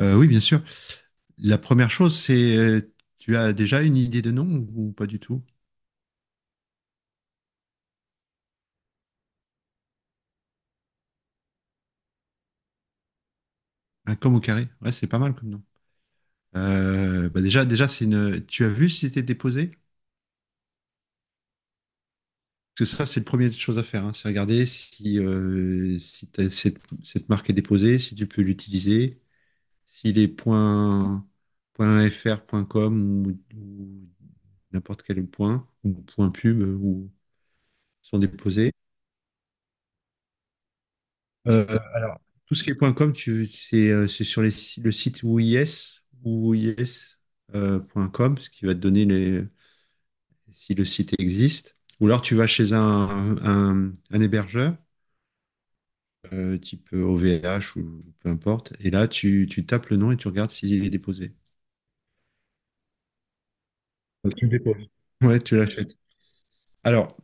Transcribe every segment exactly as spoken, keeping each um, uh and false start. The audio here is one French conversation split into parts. Euh, oui, bien sûr. La première chose, c'est euh, tu as déjà une idée de nom ou pas du tout? Un com au carré. Ouais, c'est pas mal comme nom. Euh, bah déjà, déjà, c'est une. Tu as vu si c'était déposé? Parce que ça, c'est le premier chose à faire, hein, c'est regarder si, euh, si t'as- cette, cette marque est déposée, si tu peux l'utiliser, si les points, points .fr, points .com ou, ou n'importe quel point, ou point .pub euh, ou, sont déposés. Euh, alors, tout ce qui est point .com, tu, c'est euh, c'est sur les, si- le site W I S point com, ce qui va te donner les, si le site existe. Ou alors tu vas chez un, un, un hébergeur, euh, type O V H ou peu importe, et là tu, tu tapes le nom et tu regardes s'il est déposé. Donc, tu le déposes. Ouais, tu l'achètes. Alors,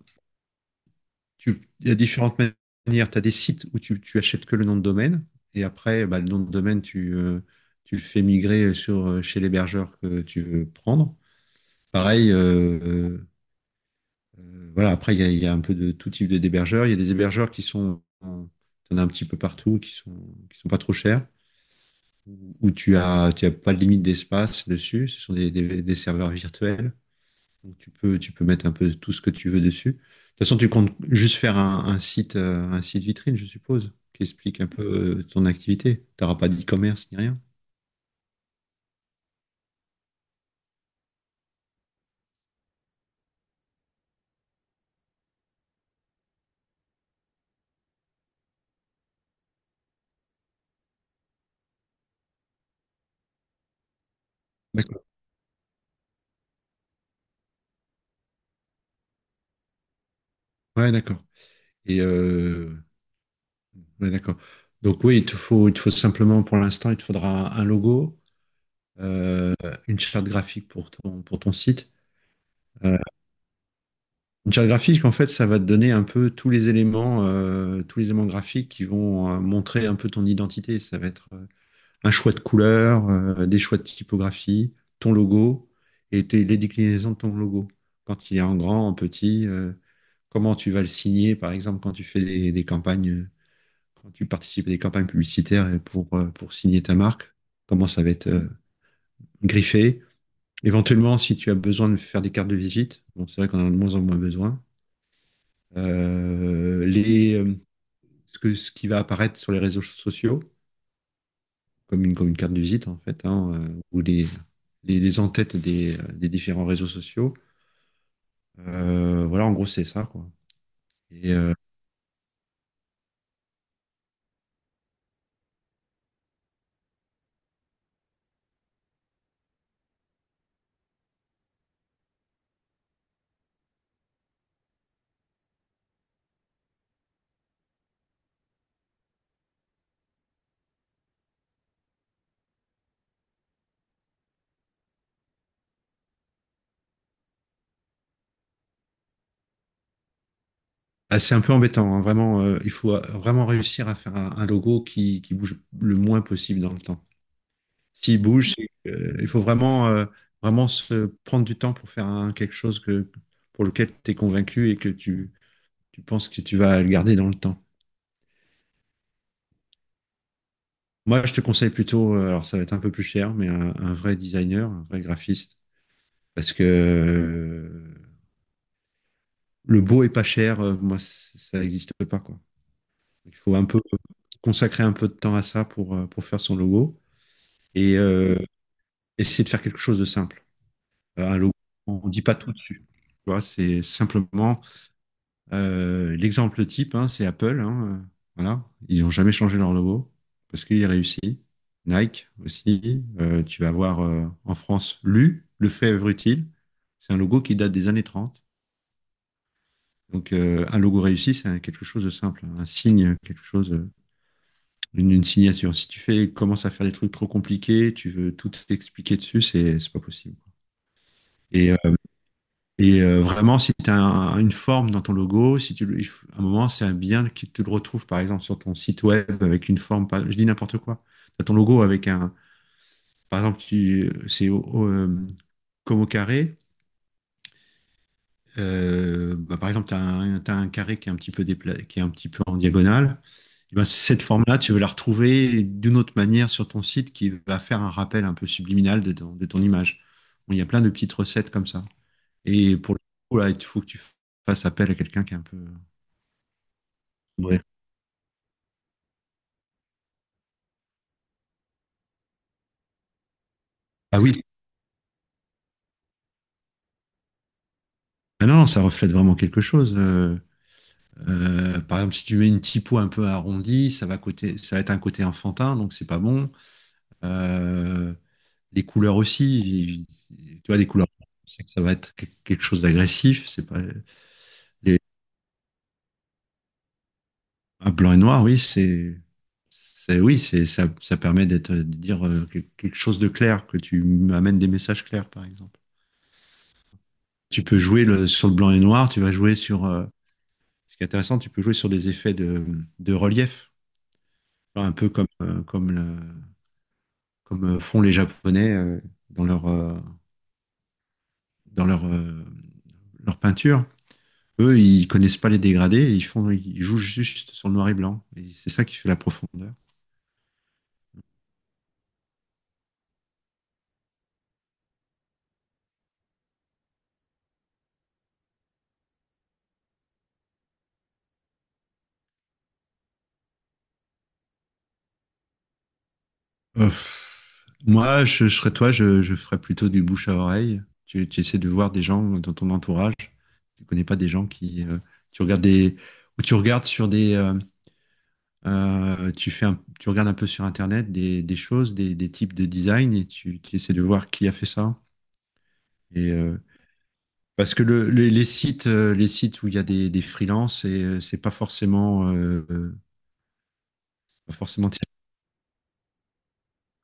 tu- il y a différentes manières. Tu as des sites où tu, tu achètes que le nom de domaine, et après, bah, le nom de domaine, tu, euh, tu le fais migrer sur, euh, chez l'hébergeur que tu veux prendre. Pareil. Euh, euh, euh, voilà, après, il y a, il y a un peu de tout type de- d'hébergeurs. Il y a des hébergeurs qui sont, tu en as un petit peu partout, qui sont, qui sont pas trop chers, où tu as, tu as pas de limite d'espace dessus. Ce sont des, des- des serveurs virtuels. Donc tu peux, tu peux mettre un peu tout ce que tu veux dessus. De toute façon, tu comptes juste faire un, un site, euh, un site vitrine, je suppose, qui explique un peu euh, ton activité. Tu n'auras pas d'e-commerce ni rien. D'accord. Ouais, d'accord. Et euh, ouais, d'accord. Donc oui, il te faut, il te faut simplement, pour l'instant, il te faudra un logo, euh, une charte graphique pour ton, pour ton site. Euh, une charte graphique, en fait, ça va te donner un peu tous les éléments, euh, tous les éléments graphiques qui vont euh, montrer un peu ton identité. Ça va être euh, un choix de couleur, euh, des choix de typographie, ton logo et tes- les déclinaisons de ton logo. Quand il est en grand, en petit, euh, comment tu vas le signer, par exemple, quand tu fais des, des campagnes, euh, quand tu participes à des campagnes publicitaires et pour, euh, pour signer ta marque, comment ça va être euh, griffé. Éventuellement, si tu as besoin de faire des cartes de visite, bon, c'est vrai qu'on en a de moins en moins besoin. Euh, les, euh, ce que, Ce qui va apparaître sur les réseaux sociaux, comme une, comme une carte de visite en fait, hein, euh, ou les, les, les en-têtes des, euh, des différents réseaux sociaux. Euh, voilà, en gros, c'est ça, quoi. Et euh, ah, c'est un peu embêtant, hein, vraiment. Euh, il faut euh, vraiment réussir à faire un, un logo qui, qui bouge le moins possible dans le temps. S'il bouge, c'est que, euh, il faut vraiment, euh, vraiment se prendre du temps pour faire un- quelque chose que, pour lequel tu es convaincu et que tu, tu penses que tu vas le garder dans le temps. Moi, je te conseille plutôt, euh, alors ça va être un peu plus cher, mais un, un vrai designer, un vrai graphiste. Parce que euh, le beau et pas cher, euh, moi, c- ça n'existe pas, quoi. Il faut un peu consacrer un peu de temps à ça pour, euh, pour faire son logo et euh, essayer de faire quelque chose de simple. Un logo, on ne dit pas tout dessus, tu vois. C'est simplement euh, l'exemple type, hein, c'est Apple. Hein, euh, voilà. Ils n'ont jamais changé leur logo parce qu'il est réussi. Nike aussi. Euh, tu vas voir euh, en France L U, le fèvre utile. C'est un logo qui date des années trente. Donc, euh, un logo réussi, c'est quelque chose de simple, hein, un signe, quelque chose, euh, une, une signature. Si tu fais, commences à faire des trucs trop compliqués, tu veux tout expliquer dessus, c'est c'est pas possible. Et, euh, et, euh, Vraiment, si tu as un- une forme dans ton logo, si tu, le- il faut- à un moment, c'est un bien qui te le retrouve, par exemple, sur ton site web avec une forme, par- je dis n'importe quoi. Tu as ton logo avec un, par exemple, tu, c'est au- au, euh, comme au carré. Euh, bah, par exemple, tu as, un t'as un carré qui est un petit peu dépla- qui est un petit peu en diagonale. Eh ben, cette forme-là, tu veux la retrouver d'une autre manière sur ton site qui va faire un rappel un peu subliminal de ton, de ton image. Bon, il y a plein de petites recettes comme ça. Et pour le coup, là, il faut que tu fasses appel à quelqu'un qui est un peu. Ouais. Ah oui, ah non, ça reflète vraiment quelque chose. Euh, euh, par exemple, si tu mets une typo un peu arrondie, ça va, côté, ça va être un côté enfantin, donc c'est pas bon. Euh, les couleurs aussi, tu vois, les couleurs, c'est que ça va être quelque chose d'agressif. C'est pas, les- Ah, blanc et noir, oui, c'est, c'est, oui, c'est, ça, ça permet d'être, de dire euh, que- quelque chose de clair, que tu amènes des messages clairs, par exemple. Tu peux jouer le, sur le blanc et noir, tu vas jouer sur, euh, ce qui est intéressant, tu peux jouer sur des effets de, de relief. Enfin, un peu comme, euh, comme le- comme euh, font les Japonais euh, dans leur, euh, dans leur, euh, leur peinture. Eux, ils connaissent pas les dégradés, ils font, ils jouent juste sur le noir et blanc. Et c'est ça qui fait la profondeur. Euh, Moi, je, je serais toi, je, je ferais plutôt du bouche à oreille. Tu, tu essaies de voir des gens dans ton entourage. Tu connais pas des gens qui. euh, tu regardes des, ou tu regardes sur des, euh, euh, tu fais un- tu regardes un peu sur Internet des, des choses, des, des types de design et tu, tu essaies de voir qui a fait ça. Et euh, Parce que le, les, les sites, euh, les sites où il y a des, des freelances, et, euh, c'est pas forcément, euh, euh, pas forcément.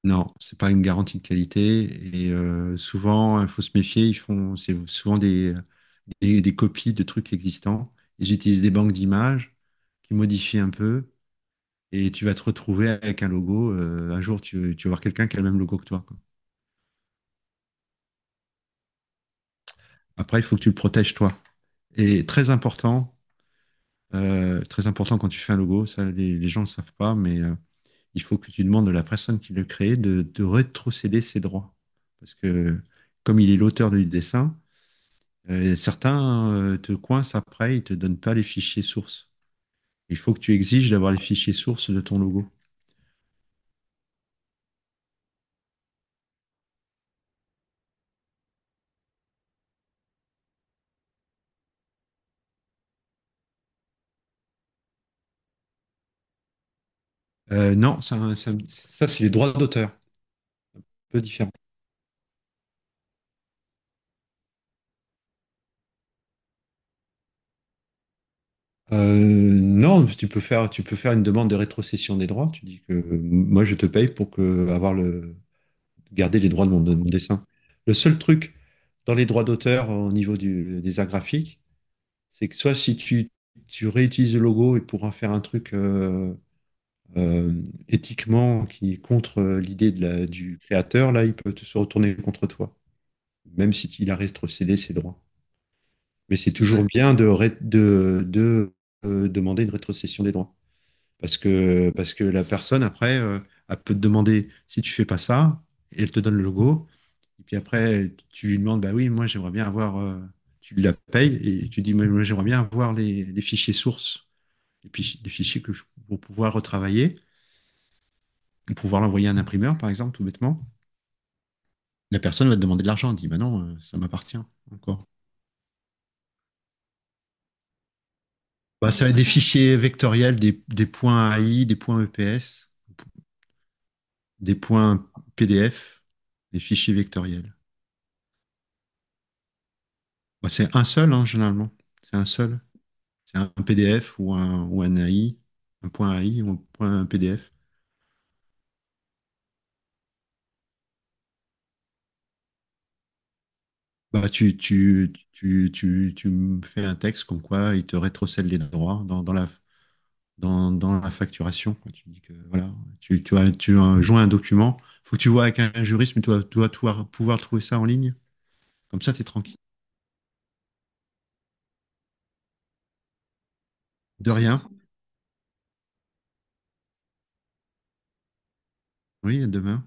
Non, c'est pas une garantie de qualité. Et euh, souvent, il faut se méfier. Ils font, c'est souvent des, des, des copies de trucs existants. Ils utilisent des banques d'images qui modifient un peu. Et tu vas te retrouver avec un logo. Euh, un jour, tu, tu vas voir quelqu'un qui a le même logo que toi, quoi. Après, il faut que tu le protèges toi. Et très important, euh, très important quand tu fais un logo, ça, les, les gens ne le savent pas, mais euh, il faut que tu demandes à la personne qui l'a créé de, de rétrocéder ses droits. Parce que comme il est l'auteur du dessin, Euh, certains euh, te coincent après, ils te donnent pas les fichiers sources. Il faut que tu exiges d'avoir les fichiers sources de ton logo. Euh, non, ça, ça- ça, c'est les droits d'auteur, un peu différent. Euh, non, tu peux faire, tu peux faire une demande de rétrocession des droits. Tu dis que euh, moi, je te paye pour que, avoir le, garder les droits de mon, de mon dessin. Le seul truc dans les droits d'auteur au niveau du, des arts graphiques, c'est que soit si tu, tu réutilises le logo et pour en faire un truc euh, euh, éthiquement qui est contre euh, l'idée de la- du créateur, là, il peut te- se retourner contre toi, même si il a rétrocédé ses droits. Mais c'est toujours bien de, ré- de, de, euh, demander une rétrocession des droits. Parce que, parce que la personne, après, euh, elle peut te demander si tu fais pas ça, et elle te donne le logo. Et puis après, tu lui demandes, bah oui, moi j'aimerais bien avoir. Euh, tu la payes, et tu dis, moi moi, j'aimerais bien avoir les, les fichiers sources des fichiers, des fichiers que je, pour pouvoir retravailler, pour pouvoir l'envoyer à un imprimeur, par exemple, tout bêtement. La personne va te demander de l'argent, elle dit bah non, euh, ça m'appartient encore. Bah, ça va être des fichiers vectoriels, des, des points A I, des points E P S, des points P D F, des fichiers vectoriels. Bah, c'est un seul, hein, généralement. C'est un seul. C'est un P D F ou un, ou un AI, un point AI ou un point P D F. Bah, tu, tu, tu, tu, tu me fais un texte comme quoi il te rétrocède les droits dans, dans la, dans, dans la facturation, quoi. Tu dis que voilà, tu, tu, as, tu as joint un document, faut que tu vois avec un juriste, mais tu dois, tu dois pouvoir, pouvoir trouver ça en ligne. Comme ça, tu es tranquille. De rien. Oui, à demain.